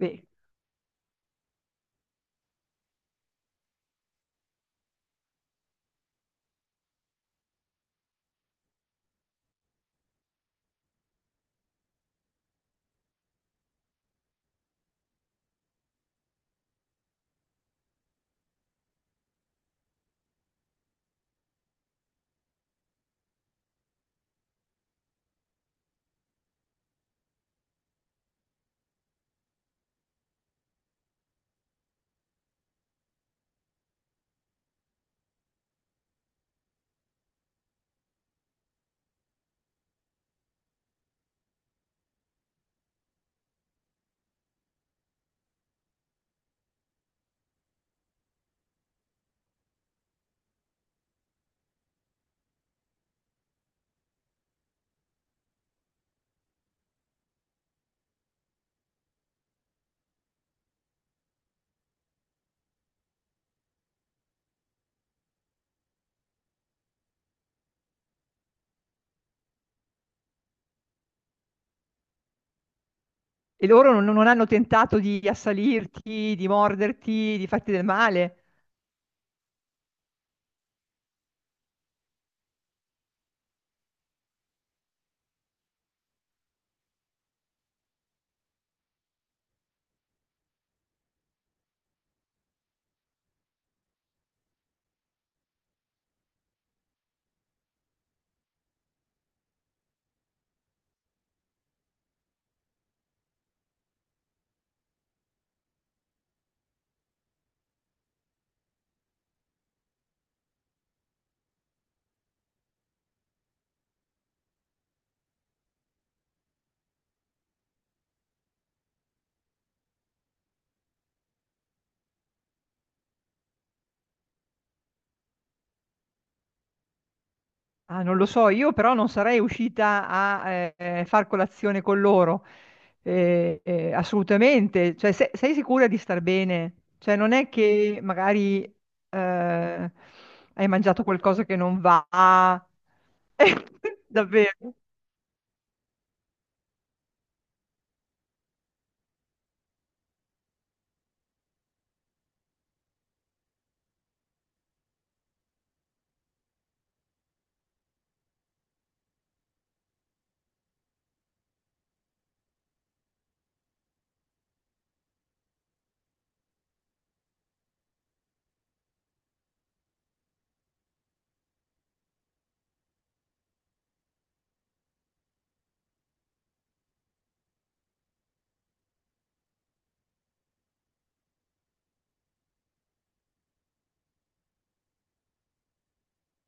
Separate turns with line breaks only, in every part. Beh, e loro non hanno tentato di assalirti, di morderti, di farti del male? Ah, non lo so, io però non sarei uscita a far colazione con loro. Assolutamente. Cioè, sei sicura di star bene? Cioè, non è che magari eh, hai mangiato qualcosa che non va. Davvero.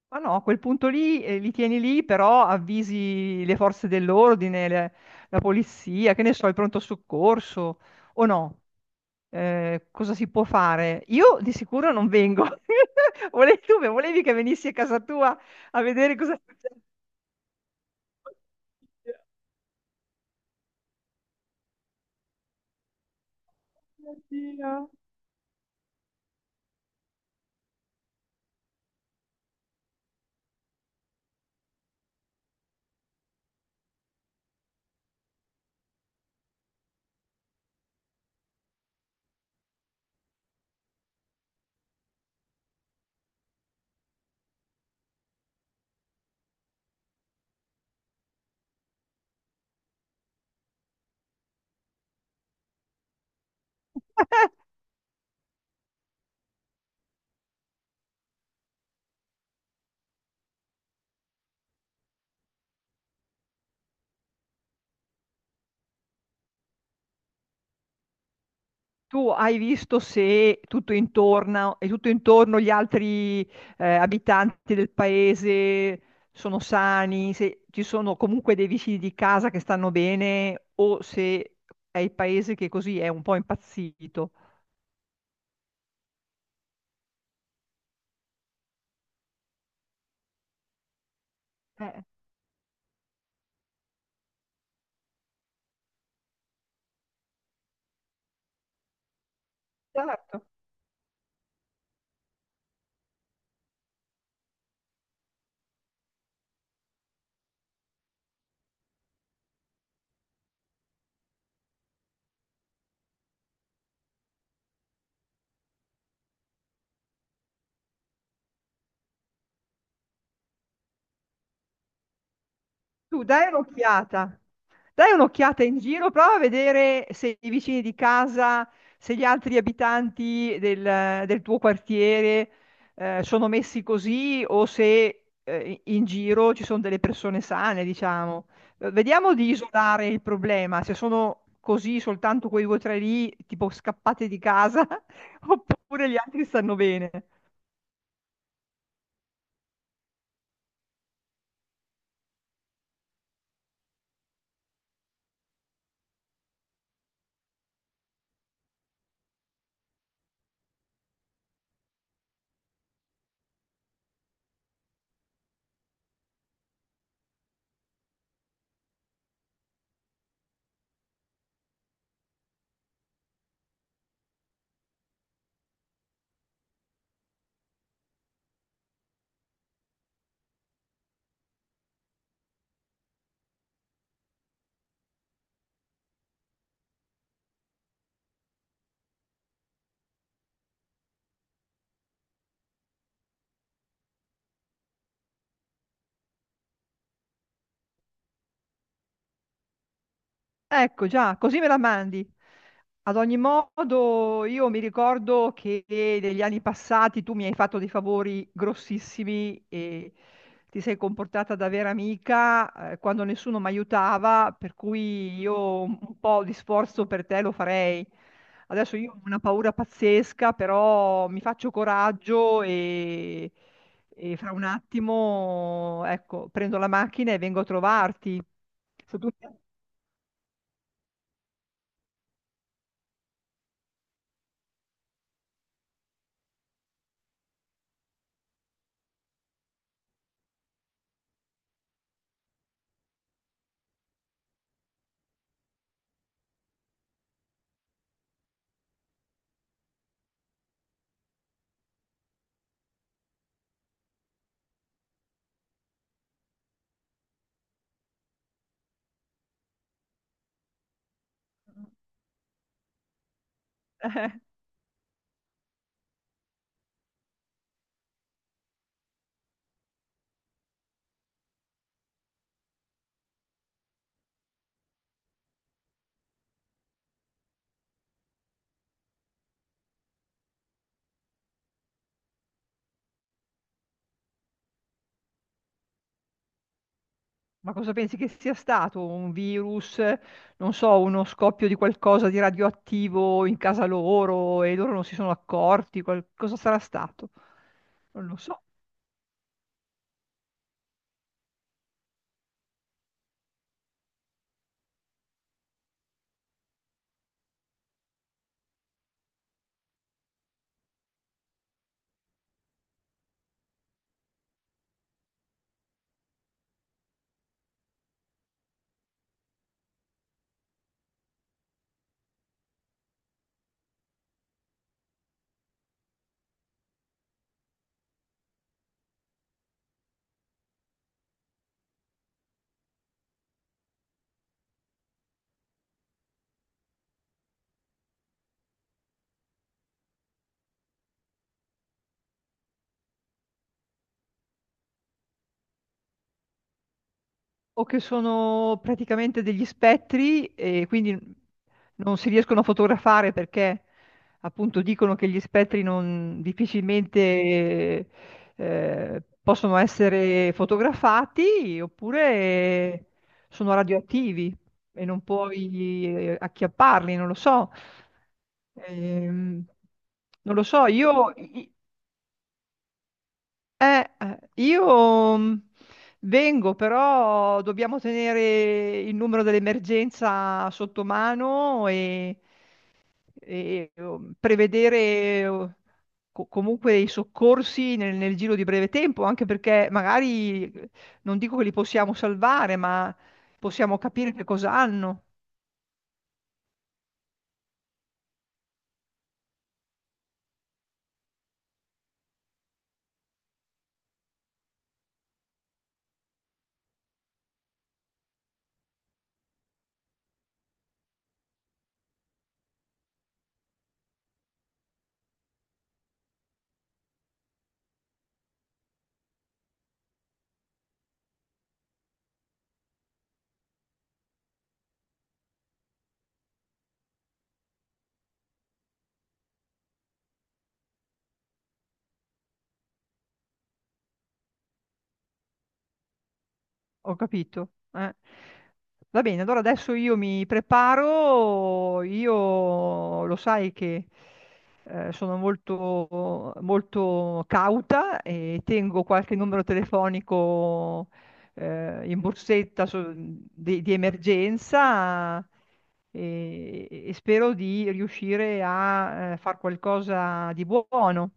Ma no, a quel punto lì li tieni lì, però avvisi le forze dell'ordine, la polizia, che ne so, il pronto soccorso o no. Cosa si può fare? Io di sicuro non vengo. Volevi, volevi che venissi a casa tua a vedere cosa succede? Mio Dio. Tu hai visto se tutto intorno e tutto intorno gli altri abitanti del paese sono sani, se ci sono comunque dei vicini di casa che stanno bene o se è il paese che così è un po' impazzito. Eh, certo. Tu dai un'occhiata in giro, prova a vedere se i vicini di casa, se gli altri abitanti del tuo quartiere sono messi così o se in giro ci sono delle persone sane, diciamo. Vediamo di isolare il problema, se sono così soltanto quei due o tre lì, tipo scappate di casa, oppure gli altri stanno bene. Ecco già, così me la mandi. Ad ogni modo, io mi ricordo che negli anni passati tu mi hai fatto dei favori grossissimi e ti sei comportata da vera amica, quando nessuno mi aiutava, per cui io un po' di sforzo per te lo farei. Adesso io ho una paura pazzesca, però mi faccio coraggio e fra un attimo, ecco, prendo la macchina e vengo a trovarti. Se tu- Ma cosa pensi che sia stato? Un virus, non so, uno scoppio di qualcosa di radioattivo in casa loro e loro non si sono accorti? Cosa sarà stato? Non lo so. O che sono praticamente degli spettri e quindi non si riescono a fotografare perché appunto dicono che gli spettri non difficilmente possono essere fotografati, oppure sono radioattivi e non puoi acchiapparli, non lo so. Ehm, non lo so, io vengo, però dobbiamo tenere il numero dell'emergenza sotto mano e, prevedere comunque i soccorsi nel giro di breve tempo, anche perché magari non dico che li possiamo salvare, ma possiamo capire che cosa hanno. Ho capito. Eh. Va bene, allora adesso io mi preparo, io lo sai che sono molto, molto cauta e tengo qualche numero telefonico in borsetta di emergenza e spero di riuscire a far qualcosa di buono.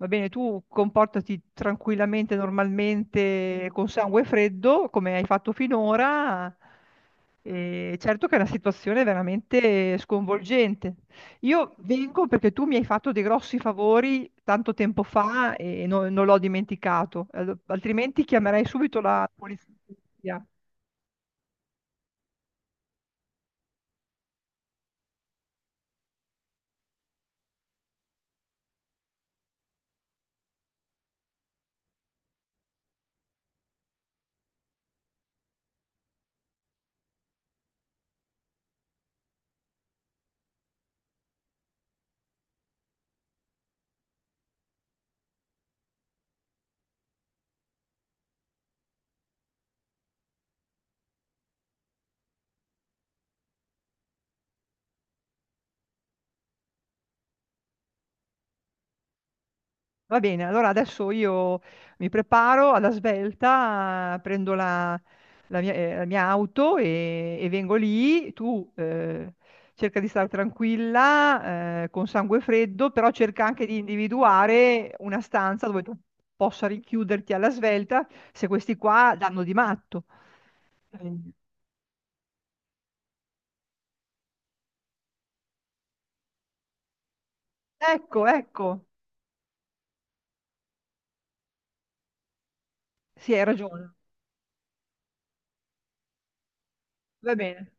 Va bene, tu comportati tranquillamente, normalmente, con sangue freddo, come hai fatto finora. E certo che è una situazione veramente sconvolgente. Io vengo perché tu mi hai fatto dei grossi favori tanto tempo fa e non l'ho dimenticato, altrimenti chiamerei subito la polizia. Va bene, allora adesso io mi preparo alla svelta, prendo la mia auto e vengo lì. Tu cerca di stare tranquilla, con sangue freddo, però cerca anche di individuare una stanza dove tu possa rinchiuderti alla svelta se questi qua danno di matto. Quindi- Ecco, ecco, sì, hai ragione. Va bene.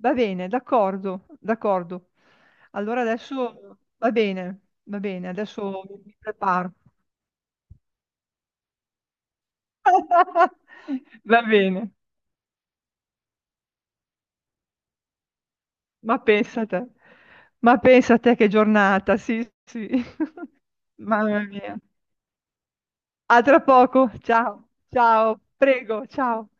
Va bene, d'accordo, d'accordo. Allora adesso va bene, adesso mi preparo. Va bene, ma pensa a te, ma pensa a te che giornata, sì, sì. Mamma mia. A tra poco, ciao, ciao, prego, ciao.